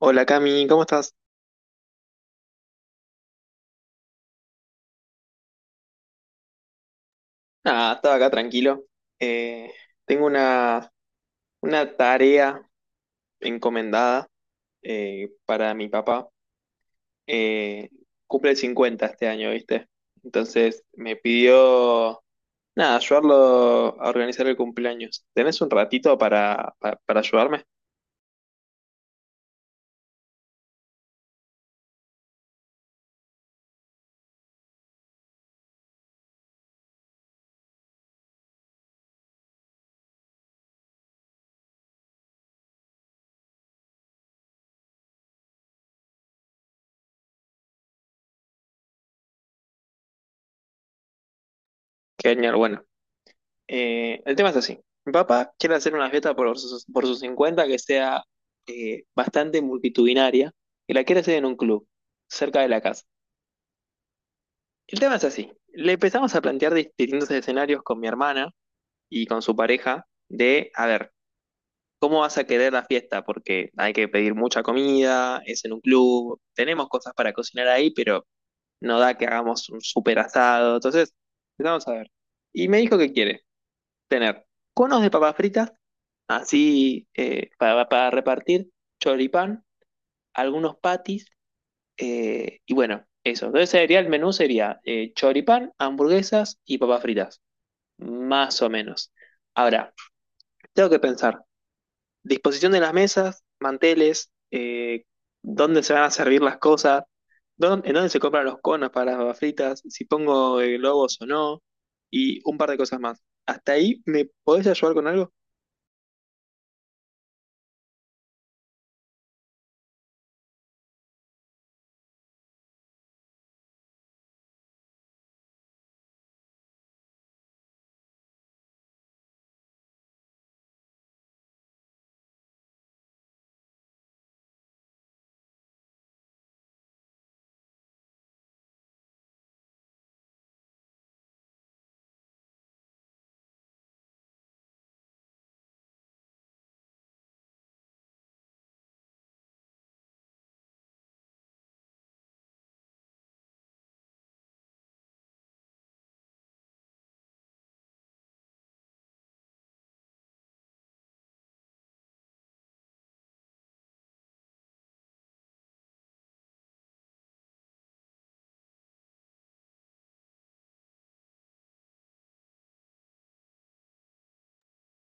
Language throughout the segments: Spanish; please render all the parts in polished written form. Hola Cami, ¿cómo estás? Nada, estaba acá tranquilo. Eh, tengo una tarea encomendada para mi papá. Eh, cumple 50 este año, ¿viste? Entonces me pidió, nada, ayudarlo a organizar el cumpleaños. ¿Tenés un ratito para ayudarme? Genial, bueno. El tema es así. Mi papá quiere hacer una fiesta por sus 50 que sea bastante multitudinaria y la quiere hacer en un club, cerca de la casa. El tema es así. Le empezamos a plantear distintos escenarios con mi hermana y con su pareja de, a ver, ¿cómo vas a querer la fiesta? Porque hay que pedir mucha comida, es en un club, tenemos cosas para cocinar ahí, pero no da que hagamos un super asado. Entonces, empezamos a ver. Y me dijo que quiere tener conos de papas fritas, así para repartir, choripán, algunos patis, y bueno, eso. Entonces sería el menú, sería choripán, hamburguesas y papas fritas, más o menos. Ahora, tengo que pensar, disposición de las mesas, manteles, dónde se van a servir las cosas, en dónde se compran los conos para las papas fritas, si pongo globos o no, y un par de cosas más. ¿Hasta ahí me podés ayudar con algo?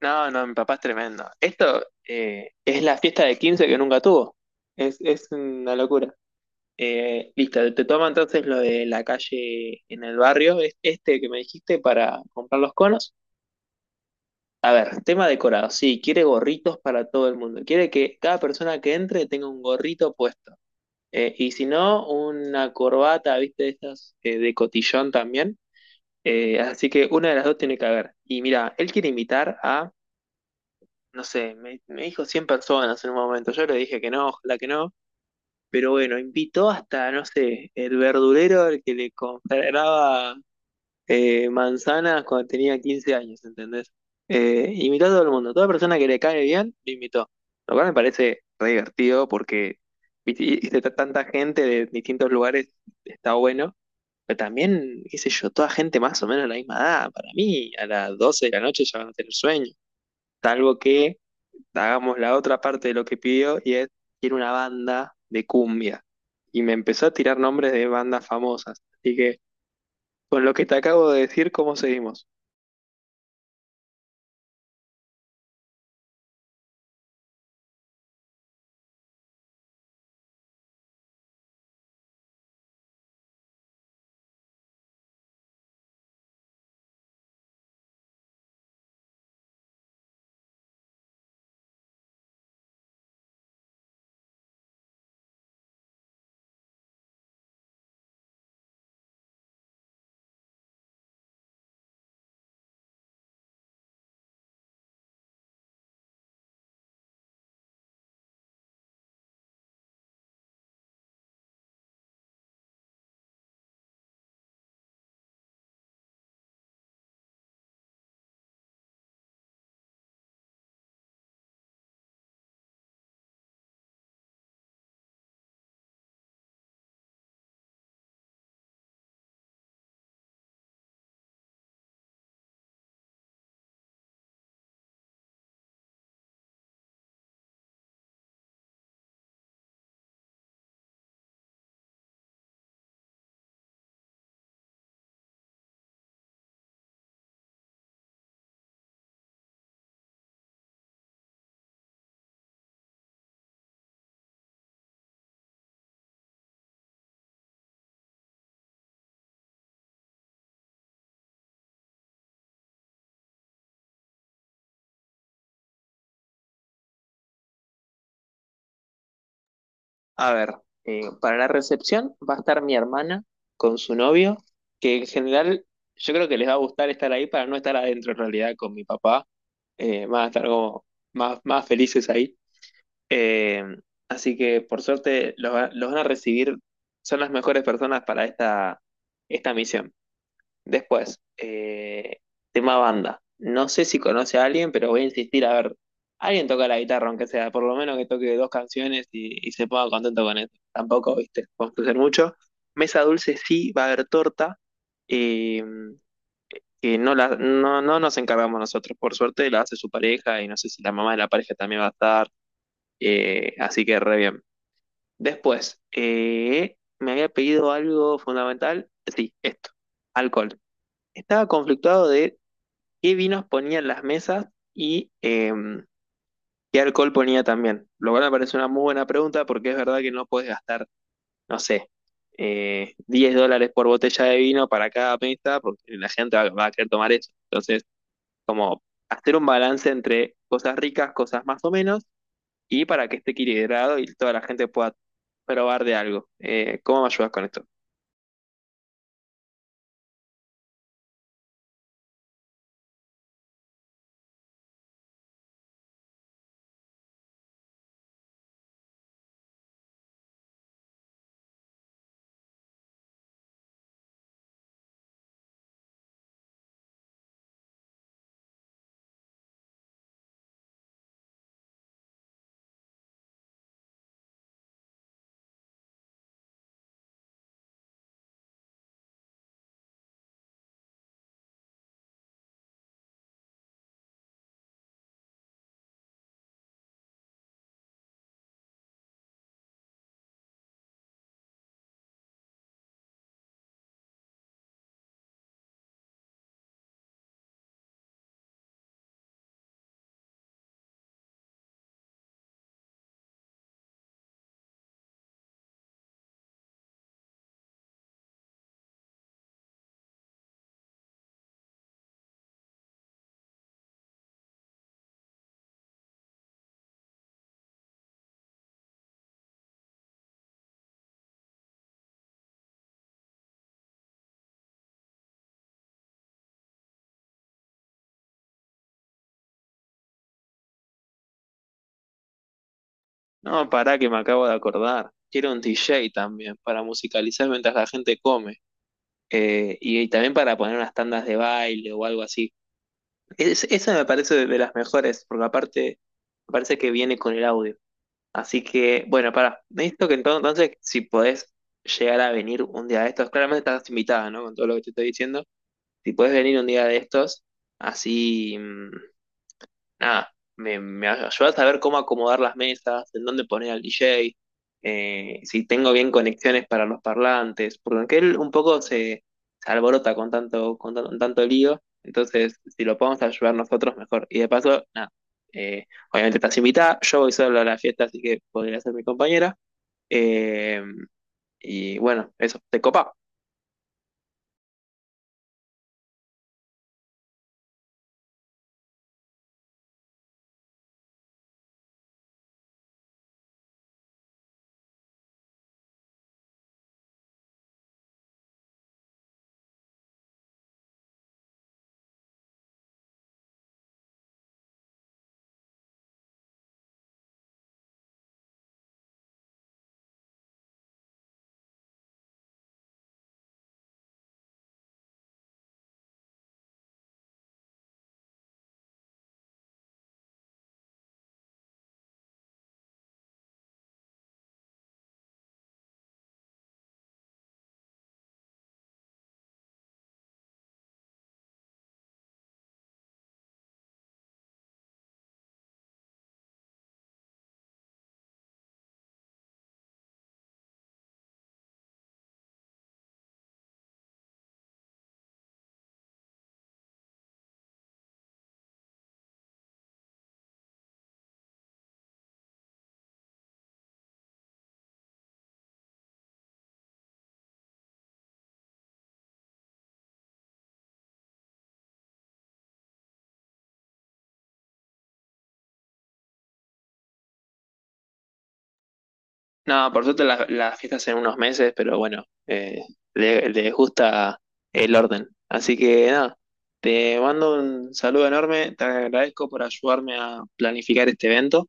No, no, mi papá es tremendo. Esto es la fiesta de 15 que nunca tuvo. Es una locura. Listo, te toma entonces lo de la calle en el barrio, es este que me dijiste para comprar los conos. Tema decorado, sí, quiere gorritos para todo el mundo. Quiere que cada persona que entre tenga un gorrito puesto. Y si no, una corbata, viste, de estas de cotillón también. Así que una de las dos tiene que haber. Y mira, él quiere invitar a no sé, me dijo 100 personas en un momento. Yo le dije que no, ojalá que no. Pero bueno, invitó hasta, no sé, el verdulero al que le compraba manzanas cuando tenía 15 años, ¿entendés? Invitó a todo el mundo. Toda persona que le cae bien, lo invitó. Lo cual me parece re divertido porque viste, tanta gente de distintos lugares está bueno. Pero también, qué sé yo, toda gente más o menos de la misma edad. Para mí, a las 12 de la noche ya van a tener sueño. Salvo que hagamos la otra parte de lo que pidió y es, quiero una banda de cumbia. Y me empezó a tirar nombres de bandas famosas. Así que con lo que te acabo de decir, ¿cómo seguimos? A ver, para la recepción va a estar mi hermana con su novio, que en general yo creo que les va a gustar estar ahí para no estar adentro en realidad con mi papá. Van a estar como más felices ahí. Eh, así que por suerte los van a recibir, son las mejores personas para esta misión. Después, tema banda. No sé si conoce a alguien, pero voy a insistir a ver. Alguien toca la guitarra, aunque sea, por lo menos que toque dos canciones y se ponga contento con eso. Tampoco, viste, construir mucho. Mesa dulce sí, va a haber torta, eh, que no, no nos encargamos nosotros. Por suerte la hace su pareja y no sé si la mamá de la pareja también va a estar. Así que re bien. Después, me había pedido algo fundamental. Sí, esto, alcohol. Estaba conflictuado de qué vinos ponía en las mesas y qué alcohol ponía también. Lo cual me parece una muy buena pregunta porque es verdad que no puedes gastar, no sé, 10 USD por botella de vino para cada mesa porque la gente va a querer tomar eso. Entonces, como hacer un balance entre cosas ricas, cosas más o menos, y para que esté equilibrado y toda la gente pueda probar de algo. ¿Cómo me ayudas con esto? No, pará que me acabo de acordar. Quiero un DJ también para musicalizar mientras la gente come. Y también para poner unas tandas de baile o algo así. Esa me parece de las mejores, porque aparte me parece que viene con el audio. Así que, bueno, necesito que entonces, si podés llegar a venir un día de estos, claramente estás invitada, ¿no? Con todo lo que te estoy diciendo, si podés venir un día de estos, así... mm, nada, me ayudas a saber cómo acomodar las mesas, en dónde poner al DJ, si tengo bien conexiones para los parlantes, porque él un poco se alborota con tanto, tanto lío, entonces si lo podemos ayudar nosotros mejor. Y de paso, nada, eh, obviamente estás invitada, yo voy solo a la fiesta, así que podría ser mi compañera. eh, y bueno, eso, te copa. No, por suerte las fiestas en unos meses, pero bueno, les gusta el orden. Así que nada, te mando un saludo enorme, te agradezco por ayudarme a planificar este evento.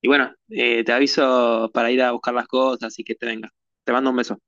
Y bueno, te aviso para ir a buscar las cosas y que te venga. Te mando un beso.